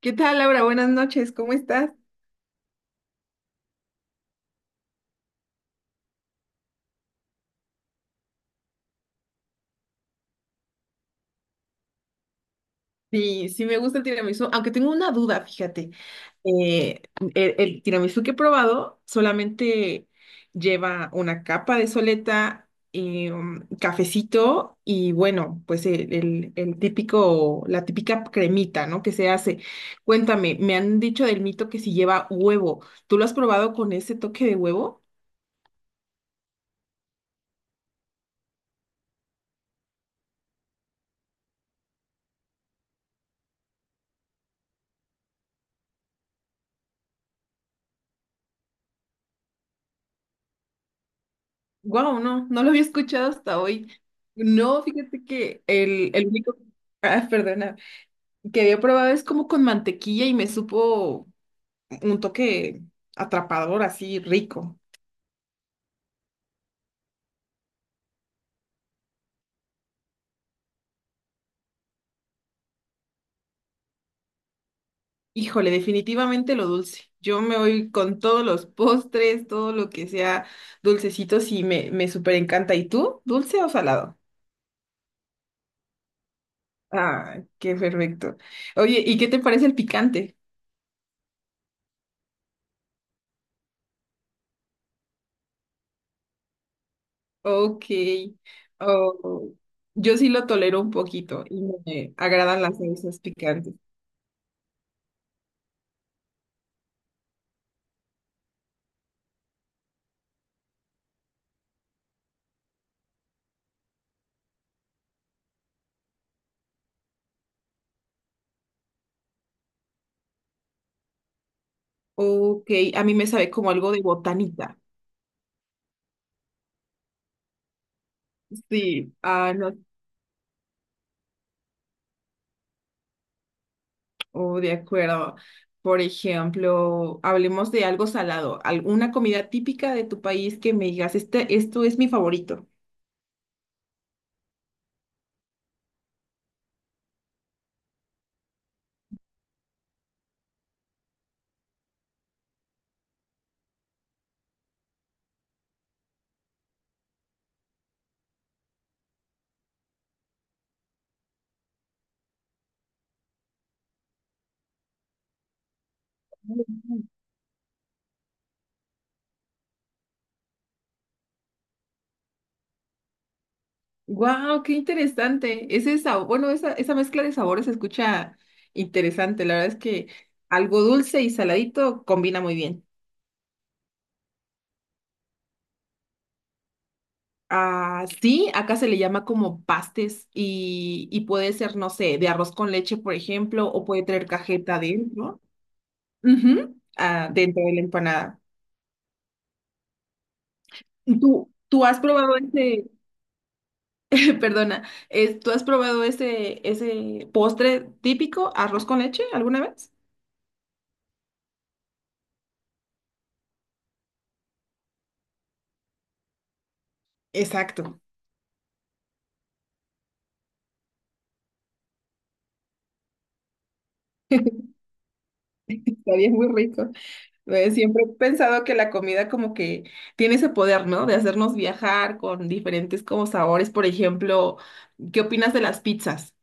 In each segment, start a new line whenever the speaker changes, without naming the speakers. ¿Qué tal, Laura? Buenas noches, ¿cómo estás? Sí, sí me gusta el tiramisú, aunque tengo una duda, fíjate. Eh, el tiramisú que he probado solamente lleva una capa de soleta, cafecito y bueno, pues el típico, la típica cremita, ¿no? Que se hace. Cuéntame, me han dicho del mito que si lleva huevo. ¿Tú lo has probado con ese toque de huevo? Wow, no, no lo había escuchado hasta hoy. No, fíjate que el único, ah, perdona, que había probado es como con mantequilla y me supo un toque atrapador, así rico. Híjole, definitivamente lo dulce. Yo me voy con todos los postres, todo lo que sea dulcecitos y me súper encanta. ¿Y tú? ¿Dulce o salado? Ah, qué perfecto. Oye, ¿y qué te parece el picante? Ok. Oh, yo sí lo tolero un poquito y no me agradan las salsas picantes. Ok, a mí me sabe como algo de botanita. Sí, ah, no, oh, de acuerdo. Por ejemplo, hablemos de algo salado, alguna comida típica de tu país que me digas, este, esto es mi favorito. Wow, qué interesante. Ese sabor, bueno, esa mezcla de sabores se escucha interesante. La verdad es que algo dulce y saladito combina muy bien. Ah, sí, acá se le llama como pastes y puede ser, no sé, de arroz con leche, por ejemplo, o puede traer cajeta dentro. Ujú, ah, dentro de la empanada. ¿Tú has probado ese, perdona, ¿tú has probado ese, ese postre típico, arroz con leche, alguna vez? Exacto. Estaría muy rico. Siempre he pensado que la comida como que tiene ese poder, ¿no? De hacernos viajar con diferentes como sabores. Por ejemplo, ¿qué opinas de las pizzas?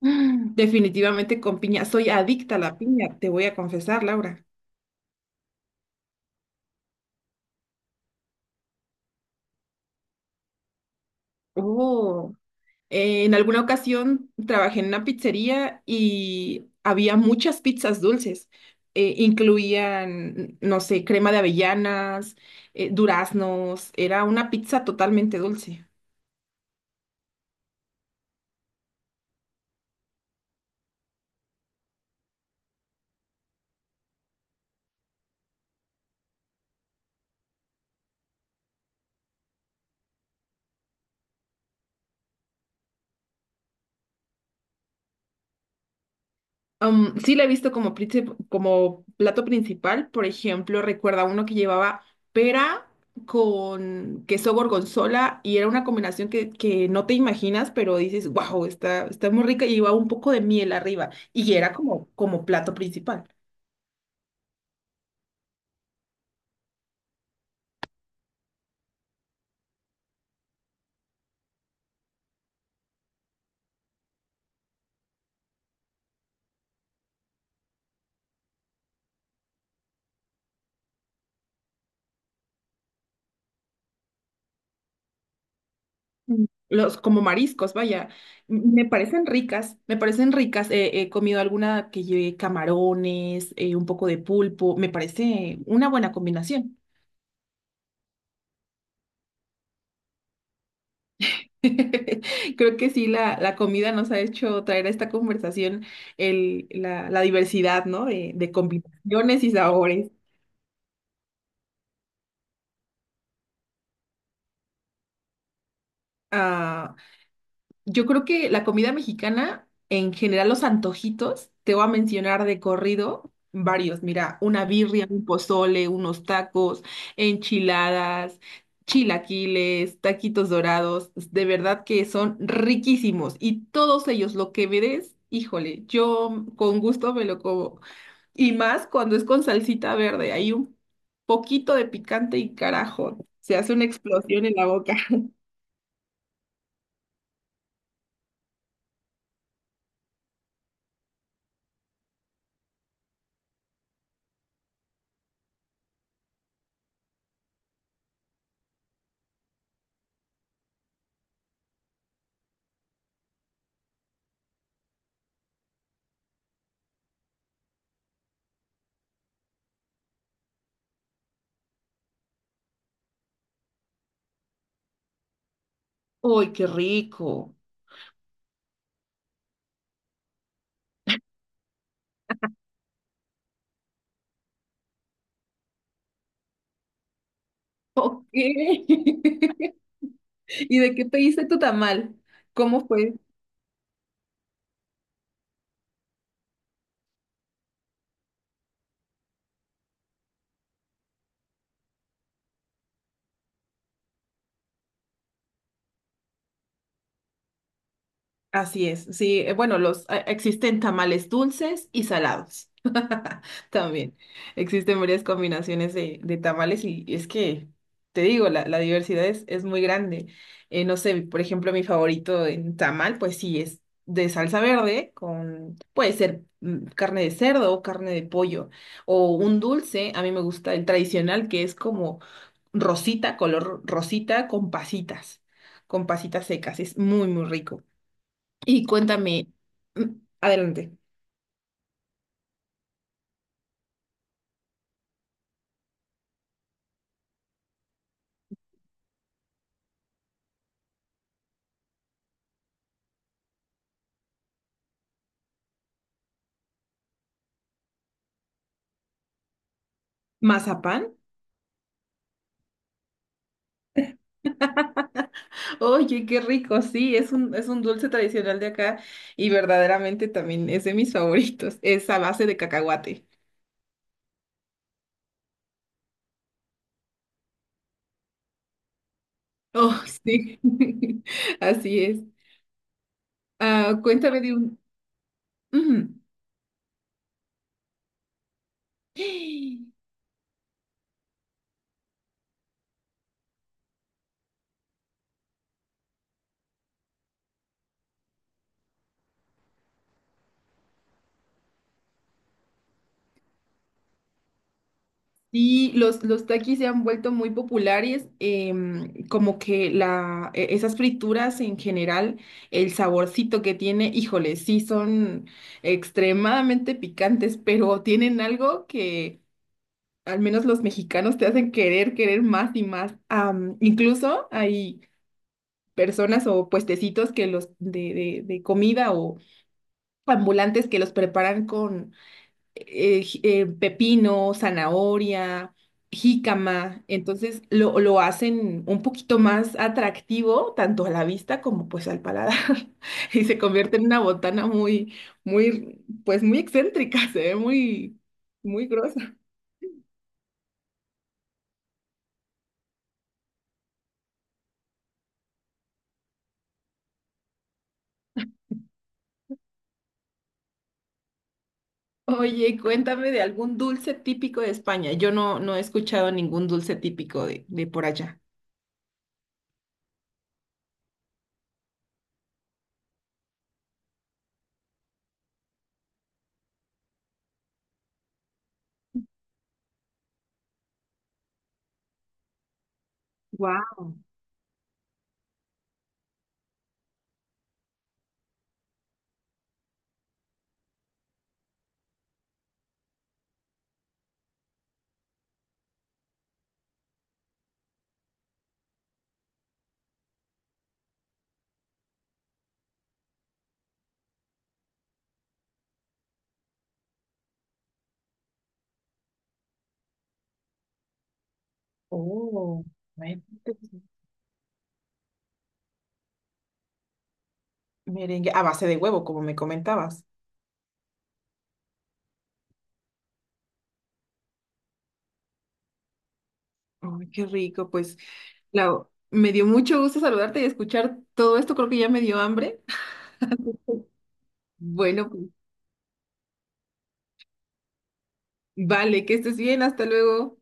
Mm, definitivamente con piña. Soy adicta a la piña, te voy a confesar, Laura. Oh. En alguna ocasión trabajé en una pizzería y había muchas pizzas dulces. Incluían, no sé, crema de avellanas, duraznos. Era una pizza totalmente dulce. Sí la he visto como, como plato principal, por ejemplo, recuerda uno que llevaba pera con queso gorgonzola y era una combinación que no te imaginas, pero dices, wow, está muy rica y llevaba un poco de miel arriba y era como, como plato principal. Mm. Los, como mariscos, vaya, me parecen ricas, me parecen ricas. He comido alguna que lleve camarones, un poco de pulpo, me parece una buena combinación. Creo que sí, la comida nos ha hecho traer a esta conversación la diversidad, ¿no? De combinaciones y sabores. Ah, yo creo que la comida mexicana, en general los antojitos, te voy a mencionar de corrido varios. Mira, una birria, un pozole, unos tacos, enchiladas, chilaquiles, taquitos dorados. De verdad que son riquísimos. Y todos ellos, lo que me des, híjole, yo con gusto me lo como. Y más cuando es con salsita verde, hay un poquito de picante y carajo, se hace una explosión en la boca. ¡Uy, qué rico! Ok. ¿Y de qué pediste tu tamal? ¿Cómo fue? Así es, sí, bueno, los existen tamales dulces y salados. También existen varias combinaciones de tamales y, es que, te digo, la diversidad es muy grande. No sé, por ejemplo, mi favorito en tamal, pues sí, es de salsa verde con, puede ser mm, carne de cerdo o carne de pollo o un dulce, a mí me gusta el tradicional que es como rosita, color rosita con pasitas secas, es muy, muy rico. Y cuéntame, mm, adelante. ¿Mazapán? Oye, qué rico, sí, es un dulce tradicional de acá y verdaderamente también es de mis favoritos. Es a base de cacahuate. Oh, sí, así es. Ah, cuéntame de un… Ujú. Sí, los takis se han vuelto muy populares, como que la, esas frituras en general, el saborcito que tiene, híjole, sí son extremadamente picantes, pero tienen algo que al menos los mexicanos te hacen querer, querer más y más. Incluso hay personas o puestecitos que los de, de comida o ambulantes que los preparan pepino, zanahoria, jícama. Entonces lo hacen un poquito más atractivo, tanto a la vista como pues al paladar. Y se convierte en una botana muy, muy, pues muy excéntrica, se ve muy, muy grosa. Oye, cuéntame de algún dulce típico de España. Yo no, no he escuchado ningún dulce típico de por allá. Wow. Oh, bueno, entonces, merengue a base de huevo, como me comentabas. Ay, qué rico, pues, Lau, me dio mucho gusto saludarte y escuchar todo esto, creo que ya me dio hambre. Bueno, pues, vale, que estés bien, hasta luego.